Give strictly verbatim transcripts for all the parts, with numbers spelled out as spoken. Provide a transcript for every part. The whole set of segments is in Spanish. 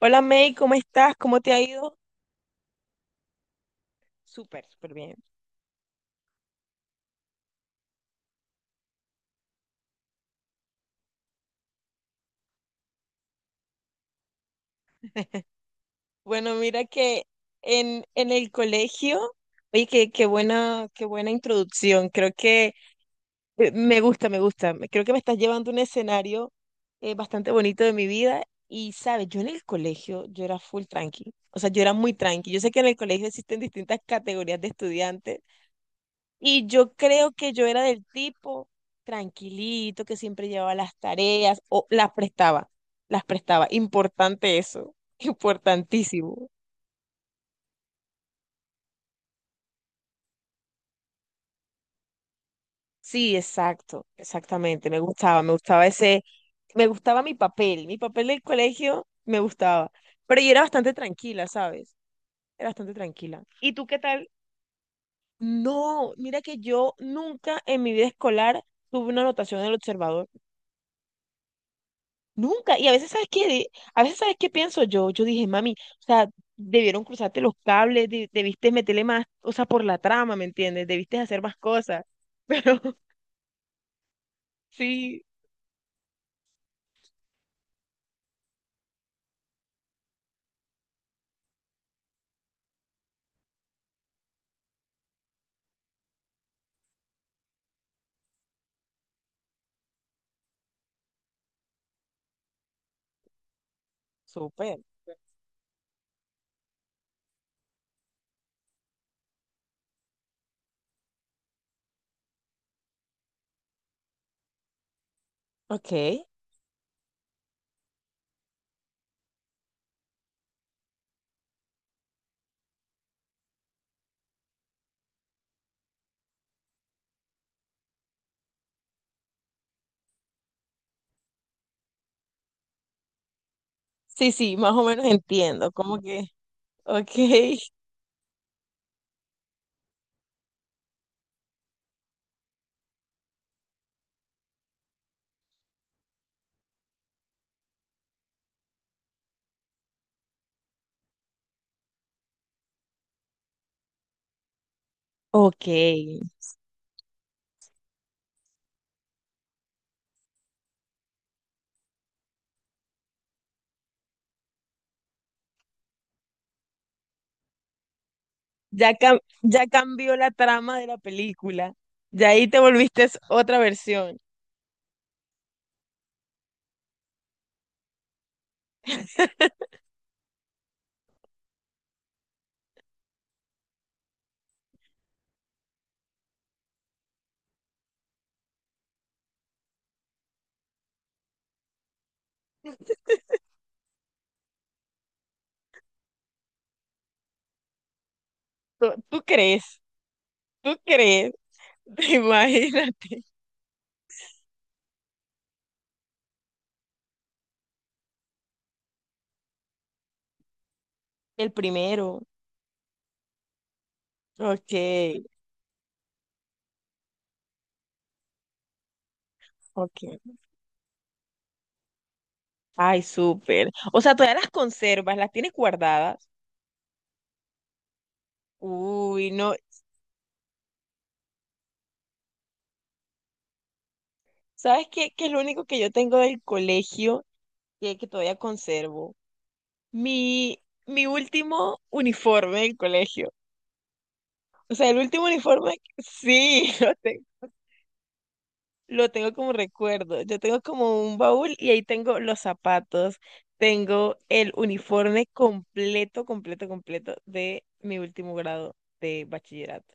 Hola May, ¿cómo estás? ¿Cómo te ha ido? Súper, súper bien. Bueno, mira que en, en el colegio, oye, qué, qué buena, qué buena introducción. Creo que eh, me gusta, me gusta. Me- Creo que me estás llevando a un escenario eh, bastante bonito de mi vida. Y sabes, yo en el colegio, yo era full tranqui. O sea, yo era muy tranqui. Yo sé que en el colegio existen distintas categorías de estudiantes. Y yo creo que yo era del tipo tranquilito, que siempre llevaba las tareas o las prestaba, las prestaba. Importante eso, importantísimo. Sí, exacto, exactamente. Me gustaba, me gustaba ese, me gustaba mi papel, mi papel del colegio me gustaba. Pero yo era bastante tranquila, ¿sabes? Era bastante tranquila. ¿Y tú qué tal? No, mira que yo nunca en mi vida escolar tuve una anotación del observador. Nunca. Y a veces, ¿sabes qué? De- A veces, ¿sabes qué pienso yo? Yo dije, mami, o sea, debieron cruzarte los cables, de- debiste meterle más, o sea, por la trama, ¿me entiendes? Debiste hacer más cosas. Pero sí. Súper. Ok. Sí, sí, más o menos entiendo. Como que, ok, ok. Ya, cam- ya cambió la trama de la película. Ya ahí te volviste es otra versión. ¿Tú, tú crees? ¿Tú crees? Imagínate. El primero. Ok. Okay. Ay, súper. O sea, todavía las conservas, las tienes guardadas. Uy, no. ¿Sabes qué? Que es lo único que yo tengo del colegio que, que todavía conservo. Mi, mi último uniforme del colegio. O sea, el último uniforme, sí, lo tengo, lo tengo como recuerdo. Yo tengo como un baúl y ahí tengo los zapatos. Tengo el uniforme completo, completo, completo de mi último grado de bachillerato.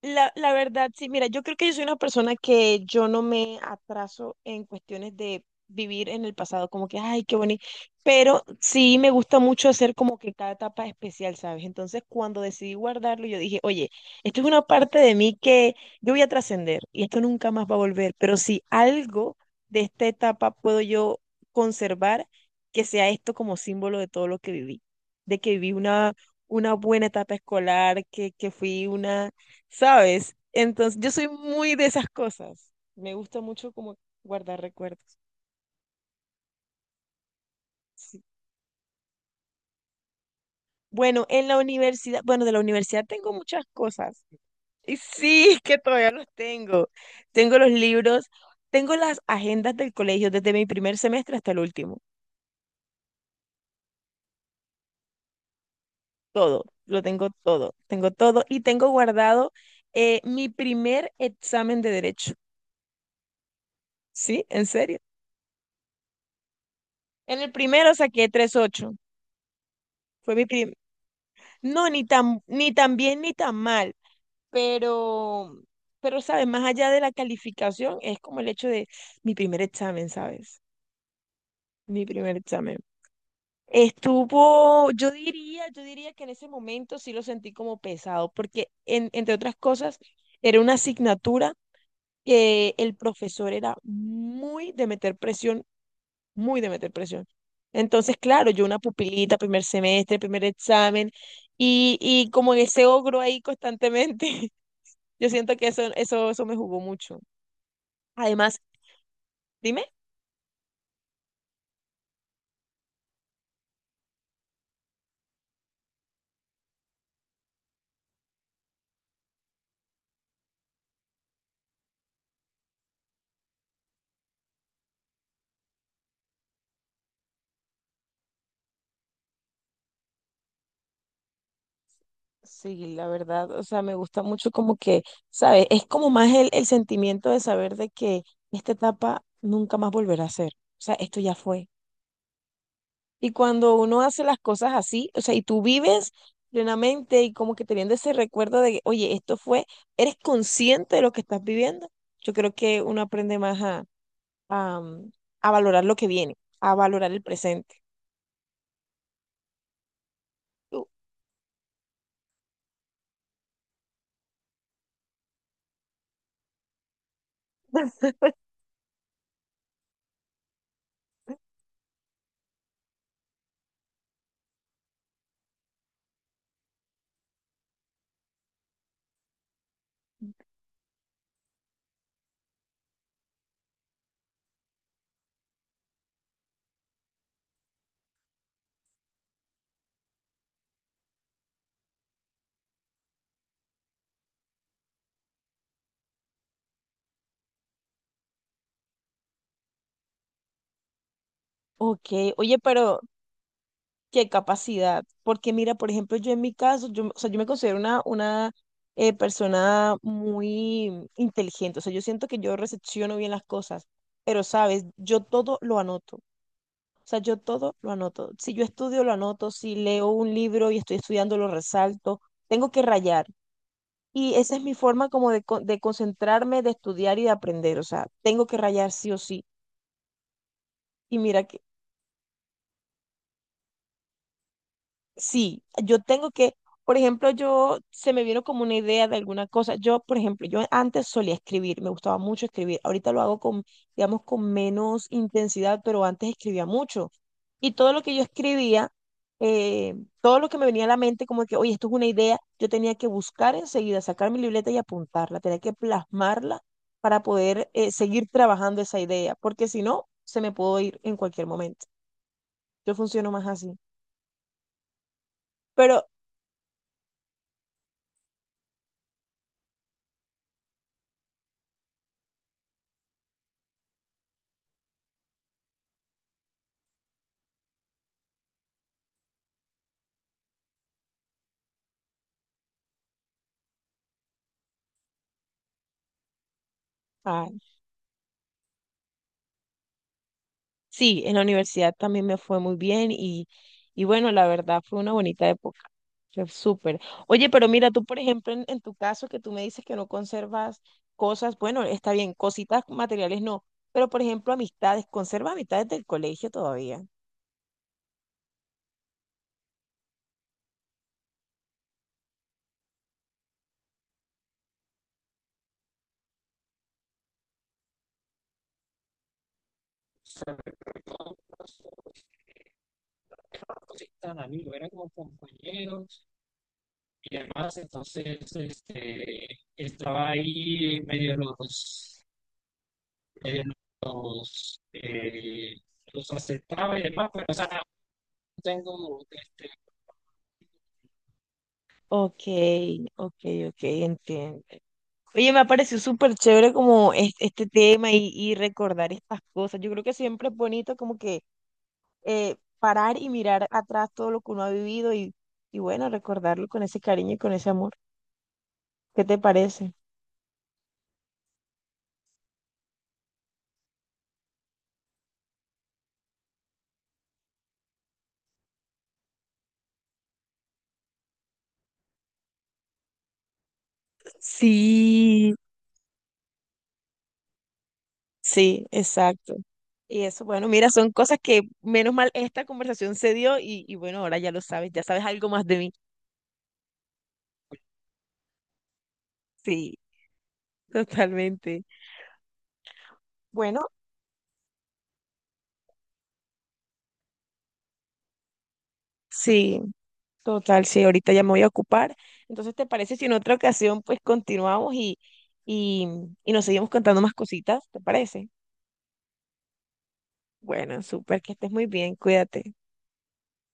La, la verdad, sí, mira, yo creo que yo soy una persona que yo no me atraso en cuestiones de vivir en el pasado, como que, ay, qué bonito, pero sí me gusta mucho hacer como que cada etapa especial, ¿sabes? Entonces, cuando decidí guardarlo, yo dije, oye, esto es una parte de mí que yo voy a trascender y esto nunca más va a volver, pero si algo de esta etapa puedo yo conservar, que sea esto como símbolo de todo lo que viví, de que viví una, una buena etapa escolar, que, que fui una, ¿sabes? Entonces, yo soy muy de esas cosas. Me gusta mucho como guardar recuerdos. Sí. Bueno, en la universidad, bueno, de la universidad tengo muchas cosas. Y sí, es que todavía los tengo. Tengo los libros, tengo las agendas del colegio desde mi primer semestre hasta el último. Todo, lo tengo todo, tengo todo. Y tengo guardado eh, mi primer examen de derecho. ¿Sí? ¿En serio? En el primero saqué tres punto ocho. Fue mi primer. No, ni tan, ni tan bien ni tan mal, pero, pero, ¿sabes? Más allá de la calificación, es como el hecho de mi primer examen, ¿sabes? Mi primer examen. Estuvo, yo diría, yo diría que en ese momento sí lo sentí como pesado, porque en- entre otras cosas, era una asignatura que el profesor era muy de meter presión, muy de meter presión. Entonces, claro, yo una pupilita, primer semestre, primer examen, y, y como en ese ogro ahí constantemente, yo siento que eso, eso, eso me jugó mucho. Además, dime. Sí, la verdad, o sea, me gusta mucho como que, ¿sabes? Es como más el, el sentimiento de saber de que esta etapa nunca más volverá a ser. O sea, esto ya fue. Y cuando uno hace las cosas así, o sea, y tú vives plenamente y como que teniendo ese recuerdo de, oye, esto fue, eres consciente de lo que estás viviendo, yo creo que uno aprende más a, a, mm, a valorar lo que viene, a valorar el presente. Tú, ok, oye, pero qué capacidad. Porque mira, por ejemplo, yo en mi caso, yo, o sea, yo me considero una, una eh, persona muy inteligente. O sea, yo siento que yo recepciono bien las cosas, pero sabes, yo todo lo anoto. O sea, yo todo lo anoto. Si yo estudio, lo anoto. Si leo un libro y estoy estudiando, lo resalto. Tengo que rayar. Y esa es mi forma como de, con de concentrarme, de estudiar y de aprender. O sea, tengo que rayar sí o sí. Y mira, que sí, yo tengo que, por ejemplo, yo se me vino como una idea de alguna cosa. Yo, por ejemplo, yo antes solía escribir, me gustaba mucho escribir. Ahorita lo hago con, digamos, con menos intensidad, pero antes escribía mucho. Y todo lo que yo escribía, eh, todo lo que me venía a la mente, como que, oye, esto es una idea, yo tenía que buscar enseguida, sacar mi libreta y apuntarla, tenía que plasmarla para poder eh, seguir trabajando esa idea, porque si no, se me pudo ir en cualquier momento. Yo funciono más así. Pero, ay, sí, en la universidad también me fue muy bien y, y bueno, la verdad fue una bonita época. Fue súper. Oye, pero mira, tú, por ejemplo, en, en tu caso que tú me dices que no conservas cosas, bueno, está bien, cositas materiales no, pero por ejemplo, amistades, ¿conservas amistades del colegio todavía? Ok, ok, ok, entiendo. Oye, me ha parecido súper chévere como es- este, tema y, y recordar estas cosas. Yo creo que siempre es bonito como que eh, parar y mirar atrás todo lo que uno ha vivido y, y bueno, recordarlo con ese cariño y con ese amor. ¿Qué te parece? Sí, sí, exacto. Y eso, bueno, mira, son cosas que menos mal esta conversación se dio y, y bueno, ahora ya lo sabes, ya sabes algo más de mí. Sí, totalmente. Bueno, sí, total, sí, ahorita ya me voy a ocupar. Entonces, ¿te parece si en otra ocasión pues continuamos y, y, y nos seguimos contando más cositas? ¿Te parece? Bueno, súper, que estés muy bien, cuídate.